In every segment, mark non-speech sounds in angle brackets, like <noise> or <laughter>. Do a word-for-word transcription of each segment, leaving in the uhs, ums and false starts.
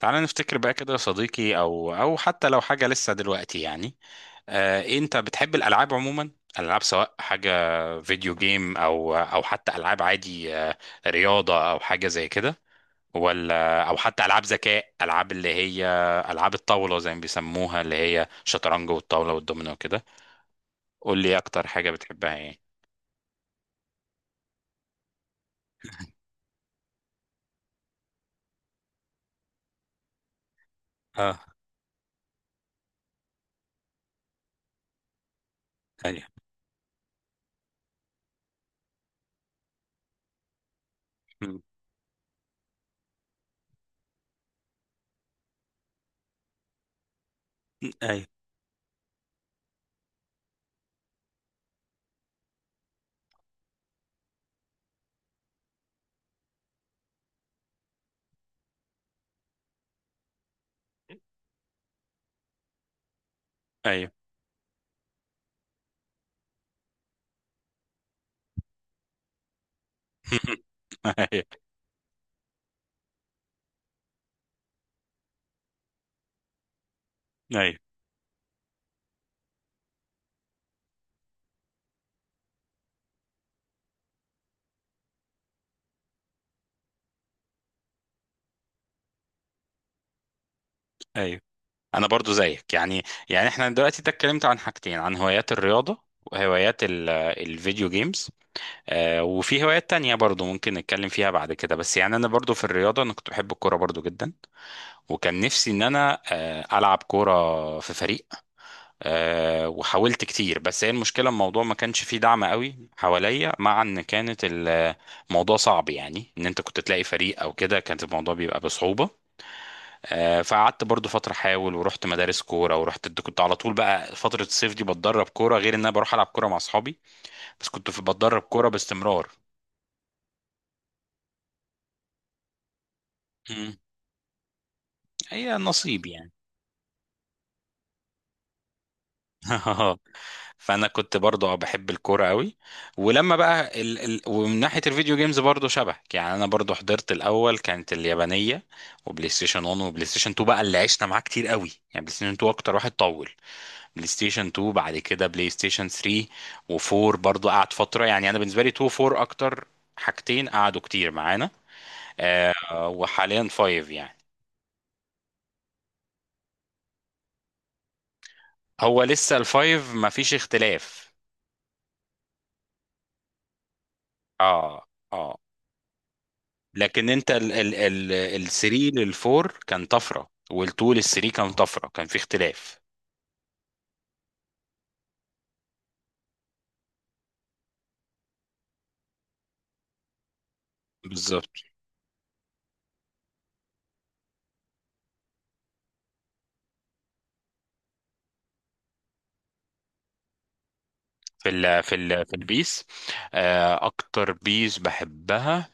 تعالى نفتكر بقى كده يا صديقي، او او حتى لو حاجه لسه دلوقتي يعني. آه إيه، انت بتحب الالعاب عموما؟ الالعاب، سواء حاجه فيديو جيم او او حتى العاب عادي، آه، رياضه او حاجه زي كده، ولا او حتى العاب ذكاء، العاب اللي هي العاب الطاوله زي ما بيسموها، اللي هي شطرنج والطاوله والدومينو وكده. قول لي اكتر حاجه بتحبها يعني. اه، ايوه. مم. ايوه، ايوه. <laughs> ايوه، ايوه. انا برضو زيك يعني. يعني احنا دلوقتي ده اتكلمت عن حاجتين، عن هوايات الرياضة وهوايات ال- الفيديو جيمز. آه، وفي هوايات تانية برضو ممكن نتكلم فيها بعد كده، بس يعني انا برضو في الرياضة، انا كنت بحب الكورة برضو جدا. وكان نفسي ان انا آه، العب كورة في فريق. آه، وحاولت كتير، بس هي المشكلة الموضوع ما كانش فيه دعم قوي حواليا، مع ان كانت الموضوع صعب، يعني ان انت كنت تلاقي فريق او كده كانت الموضوع بيبقى بصعوبة. آه، فقعدت برضو فترة احاول ورحت مدارس كورة، ورحت كنت على طول بقى فترة الصيف دي بتدرب كورة، غير ان انا بروح العب كورة مع اصحابي، بس كنت في بتدرب كورة باستمرار. مم. هي نصيب يعني. <laughs> فانا كنت برضو، آه، بحب الكوره قوي. ولما بقى ال... ال... ومن ناحيه الفيديو جيمز، برضو شبهك يعني، انا برضو حضرت الاول كانت اليابانيه، وبلاي ستيشن واحد وبلاي ستيشن اتنين بقى اللي عشنا معاه كتير قوي يعني. بلاي ستيشن اتنين اكتر واحد طول، بلاي ستيشن اتنين بعد كده بلاي ستيشن تلاتة و4 برضو قعد فترة يعني. انا بالنسبة لي اتنين، اربعة اكتر حاجتين قعدوا كتير معانا. آه. وحاليا خمسة يعني. هو لسه الفايف مفيش اختلاف. اه، اه. لكن انت ال ال ال ال تلاتة لل اربعة كان طفرة، وال اتنين لل تلاتة كان طفرة، كان في اختلاف. بالظبط. في ال في ال في البيس. آه اكتر بيس بحبها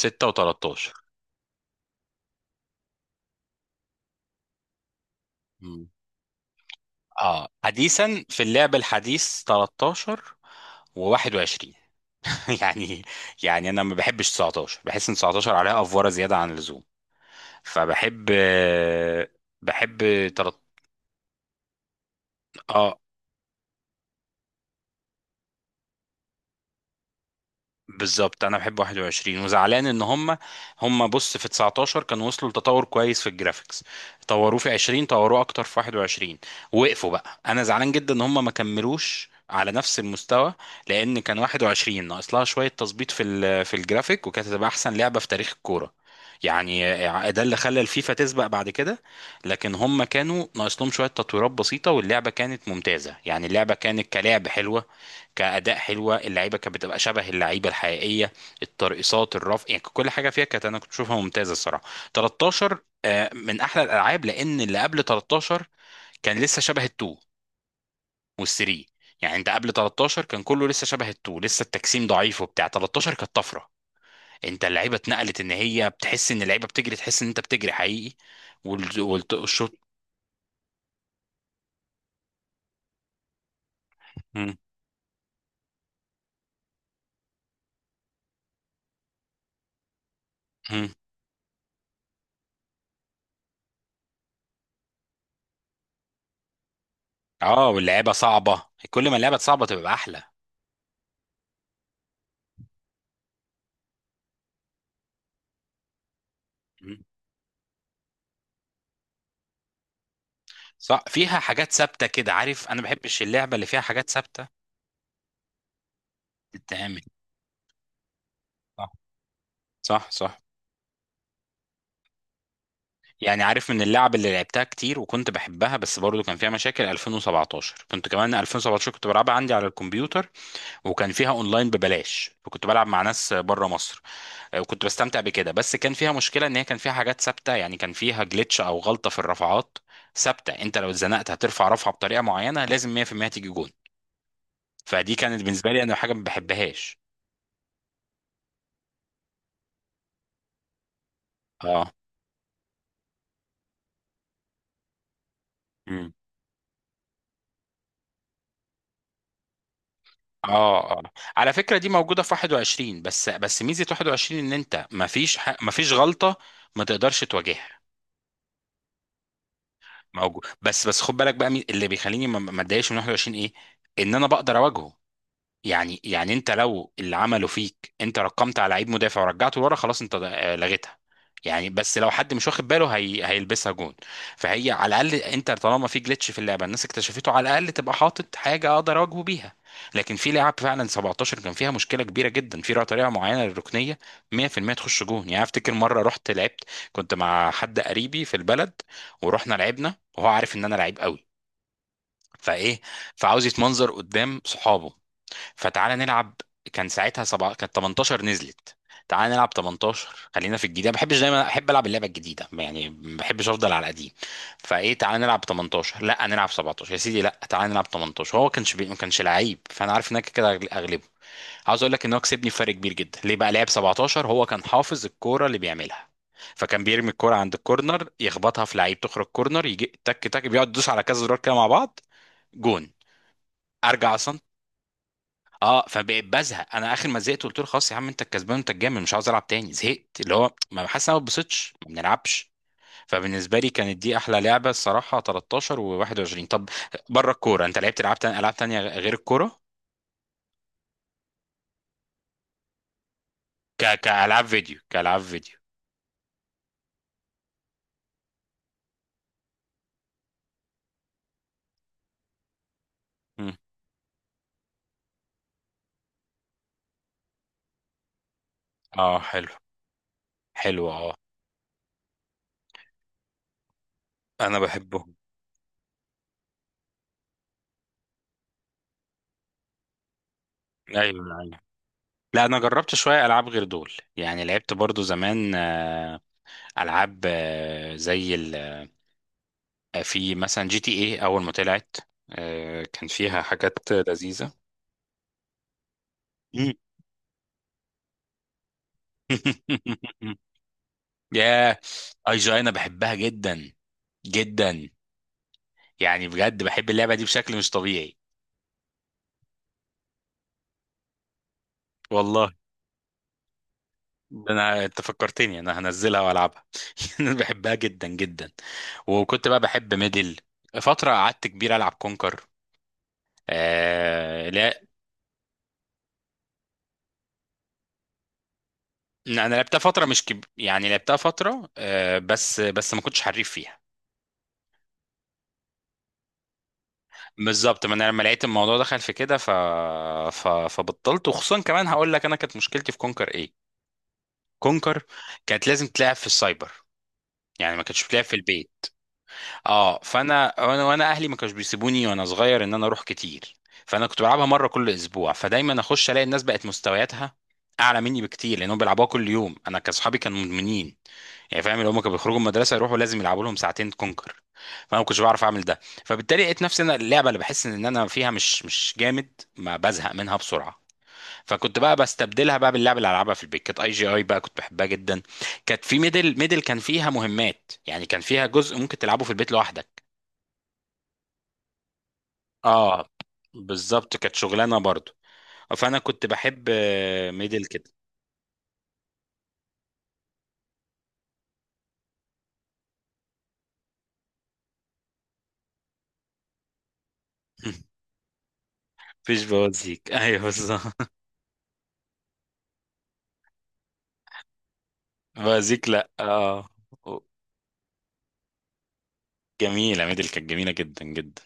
ستة و13. اه، حديثا في اللعب الحديث تلتاشر و21. <laughs> يعني، يعني انا ما بحبش تسعتاشر، بحس ان تسعتاشر عليها افوره زياده عن اللزوم، فبحب بحب تلت... اه بالظبط، انا بحب واحد وعشرين وزعلان ان هم هم بص، في تسعة عشر كانوا وصلوا لتطور كويس في الجرافيكس، طوروه في عشرين، طوروه اكتر في واحد وعشرين. وقفوا بقى، انا زعلان جدا ان هم ما كملوش على نفس المستوى، لان كان واحد وعشرين ناقص لها شويه تظبيط في ال- في الجرافيك، وكانت هتبقى احسن لعبه في تاريخ الكوره يعني. ده اللي خلى الفيفا تسبق بعد كده. لكن هم كانوا ناقص لهم شويه تطويرات بسيطه، واللعبه كانت ممتازه يعني، اللعبه كانت كلعب حلوه، كأداء حلوة، اللعيبة كانت بتبقى شبه اللعيبة الحقيقية، الترقصات، الرف، يعني كل حاجة فيها كانت، أنا كنت بشوفها ممتازة الصراحة. تلتاشر، آه، من أحلى الألعاب، لأن اللي قبل تلتاشر كان لسه شبه التو والثري. يعني انت قبل تلتاشر كان كله لسه شبه التو، لسه التجسيم ضعيف، وبتاع تلتاشر كانت طفره. انت اللعيبه اتنقلت، ان هي بتحس ان اللعيبه بتجري، تحس ان انت بتجري حقيقي. وال- والت- والشوط. مم. مم. اه، واللعيبه صعبه، كل ما اللعبه صعبه تبقى احلى. صح، فيها حاجات ثابته كده، عارف، انا ما بحبش اللعبه اللي فيها حاجات ثابته تتعمل. صح، صح، صح. يعني عارف، من اللعب اللي لعبتها كتير وكنت بحبها بس برضو كان فيها مشاكل الفين وسبعتاشر. كنت كمان الفين وسبعتاشر كنت بلعبها عندي على الكمبيوتر، وكان فيها اونلاين ببلاش، وكنت بلعب مع ناس بره مصر. آه، وكنت بستمتع بكده، بس كان فيها مشكله ان هي كان فيها حاجات ثابته، يعني كان فيها جلitch او غلطه في الرفعات ثابته. انت لو اتزنقت هترفع رفعه بطريقه معينه لازم مية في المية تيجي جون. فدي كانت بالنسبه لي انا حاجه ما بحبهاش. اه، اه، اه. على فكره دي موجوده في واحد وعشرين. بس بس ميزه واحد وعشرين ان انت ما فيش ح... ما فيش غلطه ما تقدرش تواجهها. موجود. بس بس خد بالك بقى، مي- اللي بيخليني ما ما اتضايقش من واحد وعشرين ايه، ان انا بقدر اواجهه. يعني يعني انت لو اللي عمله فيك، انت رقمت على لعيب مدافع ورجعته لورا خلاص انت، آه، لغيتها يعني. بس لو حد مش واخد باله هي... هيلبسها جون. فهي على الاقل انت، طالما في جلitch في اللعبه الناس اكتشفته، على الاقل تبقى حاطط حاجه اقدر اواجهه بيها. لكن في لعب فعلا، سبعتاشر كان فيها مشكله كبيره جدا في طريقه معينه للركنيه مية في المية تخش جون. يعني افتكر مره رحت لعبت، كنت مع حد قريبي في البلد، ورحنا لعبنا وهو عارف ان انا لعيب قوي، فايه، فعاوز يتمنظر قدام صحابه، فتعالى نلعب. كان ساعتها سبعة، كانت تمنتاشر نزلت. تعالى نلعب تمنتاشر، خلينا في الجديد، ما بحبش دايما، احب العب اللعبه الجديده يعني، ما بحبش افضل على القديم. فايه، تعالى نلعب تمنتاشر، لا نلعب سبعتاشر يا سيدي، لا تعالى نلعب تمنتاشر. هو كانش بي... ما كانش لعيب، فانا عارف انك كده هغل- اغلبه. عاوز اقول لك ان هو كسبني فرق كبير جدا، ليه بقى؟ لعب سبعتاشر، هو كان حافظ الكوره اللي بيعملها. فكان بيرمي الكوره عند الكورنر، يخبطها في لعيب، تخرج كورنر، يجي تك تك، بيقعد يدوس على كذا زرار كده مع بعض. جون. ارجع اصلا. اه، فبقيت بزهق، انا اخر ما زهقت قلت له خلاص يا عم، انت الكسبان، انت الجامد، مش عاوز العب تاني، زهقت، اللي هو ما حاسس إن انا ما اتبسطتش، ما بنلعبش. فبالنسبه لي كانت دي احلى لعبه الصراحه، تلتاشر و21. طب، بره الكوره، انت لعبت العاب تانية، العاب تانية غير الكوره؟ ك... كالعاب فيديو، كالعاب فيديو. مم. اه، حلو، حلو، اه. انا بحبهم. ايوه، ايوه. لا، انا جربت شويه العاب غير دول يعني، لعبت برضو زمان، آه، العاب، آه، زي، آه، في مثلا جي تي ايه اول ما طلعت، آه، كان فيها حاجات لذيذة. مم. <laughs> يا، اي جي انا بحبها جدا جدا. يعني بجد بحب اللعبة دي بشكل مش طبيعي. والله، ده انا، انت فكرتني، انا هنزلها والعبها. <laughs> انا بحبها جدا جدا. وكنت بقى بحب ميدل، فترة قعدت كبير العب كونكر. آه، لا. انا لعبتها فترة، مش كب... يعني لعبتها فترة، آه بس بس ما كنتش حريف فيها. بالظبط، ما انا لما لقيت الموضوع دخل في كده، ف... ف... فبطلت، وخصوصا كمان هقول لك انا كانت مشكلتي في كونكر ايه. كونكر كانت لازم تلعب في السايبر، يعني ما كانتش بتلعب في البيت. اه، فانا وانا وانا اهلي ما كانوش بيسيبوني وانا صغير ان انا اروح كتير. فانا كنت بلعبها مره كل اسبوع، فدايما اخش الاقي الناس بقت مستوياتها اعلى مني بكتير لانهم بيلعبوها كل يوم. انا كاصحابي كانوا مدمنين يعني، فاهم، اللي هم كانوا بيخرجوا من المدرسه يروحوا لازم يلعبوا لهم ساعتين كونكر. فانا ما كنتش بعرف اعمل ده، فبالتالي لقيت نفسي انا، اللعبه اللي بحس ان انا فيها مش مش جامد، ما بزهق منها بسرعه. فكنت بقى بستبدلها بقى باللعبه اللي العبها في البيت، كانت اي جي اي بقى، كنت بحبها جدا. كانت في ميدل. ميدل كان فيها مهمات، يعني كان فيها جزء ممكن تلعبه في البيت لوحدك. اه، بالظبط، كانت شغلانه برضو. فانا كنت بحب، آه، ميدل كده. <laughs> مفيش بوازيك. ايوه، بالظبط. <laughs> بوازيك، لا، اه. جميله. ميدل كانت جميله جدا جدا.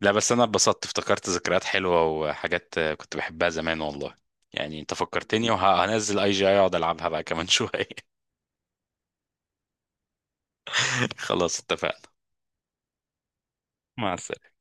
لا بس انا اتبسطت، افتكرت ذكريات حلوه وحاجات، آه، كنت بحبها زمان والله. يعني انت فكرتني، وهنزل اي جي اي اقعد العبها بقى كمان شويه. <laughs> خلاص، اتفقنا. مع السلامه.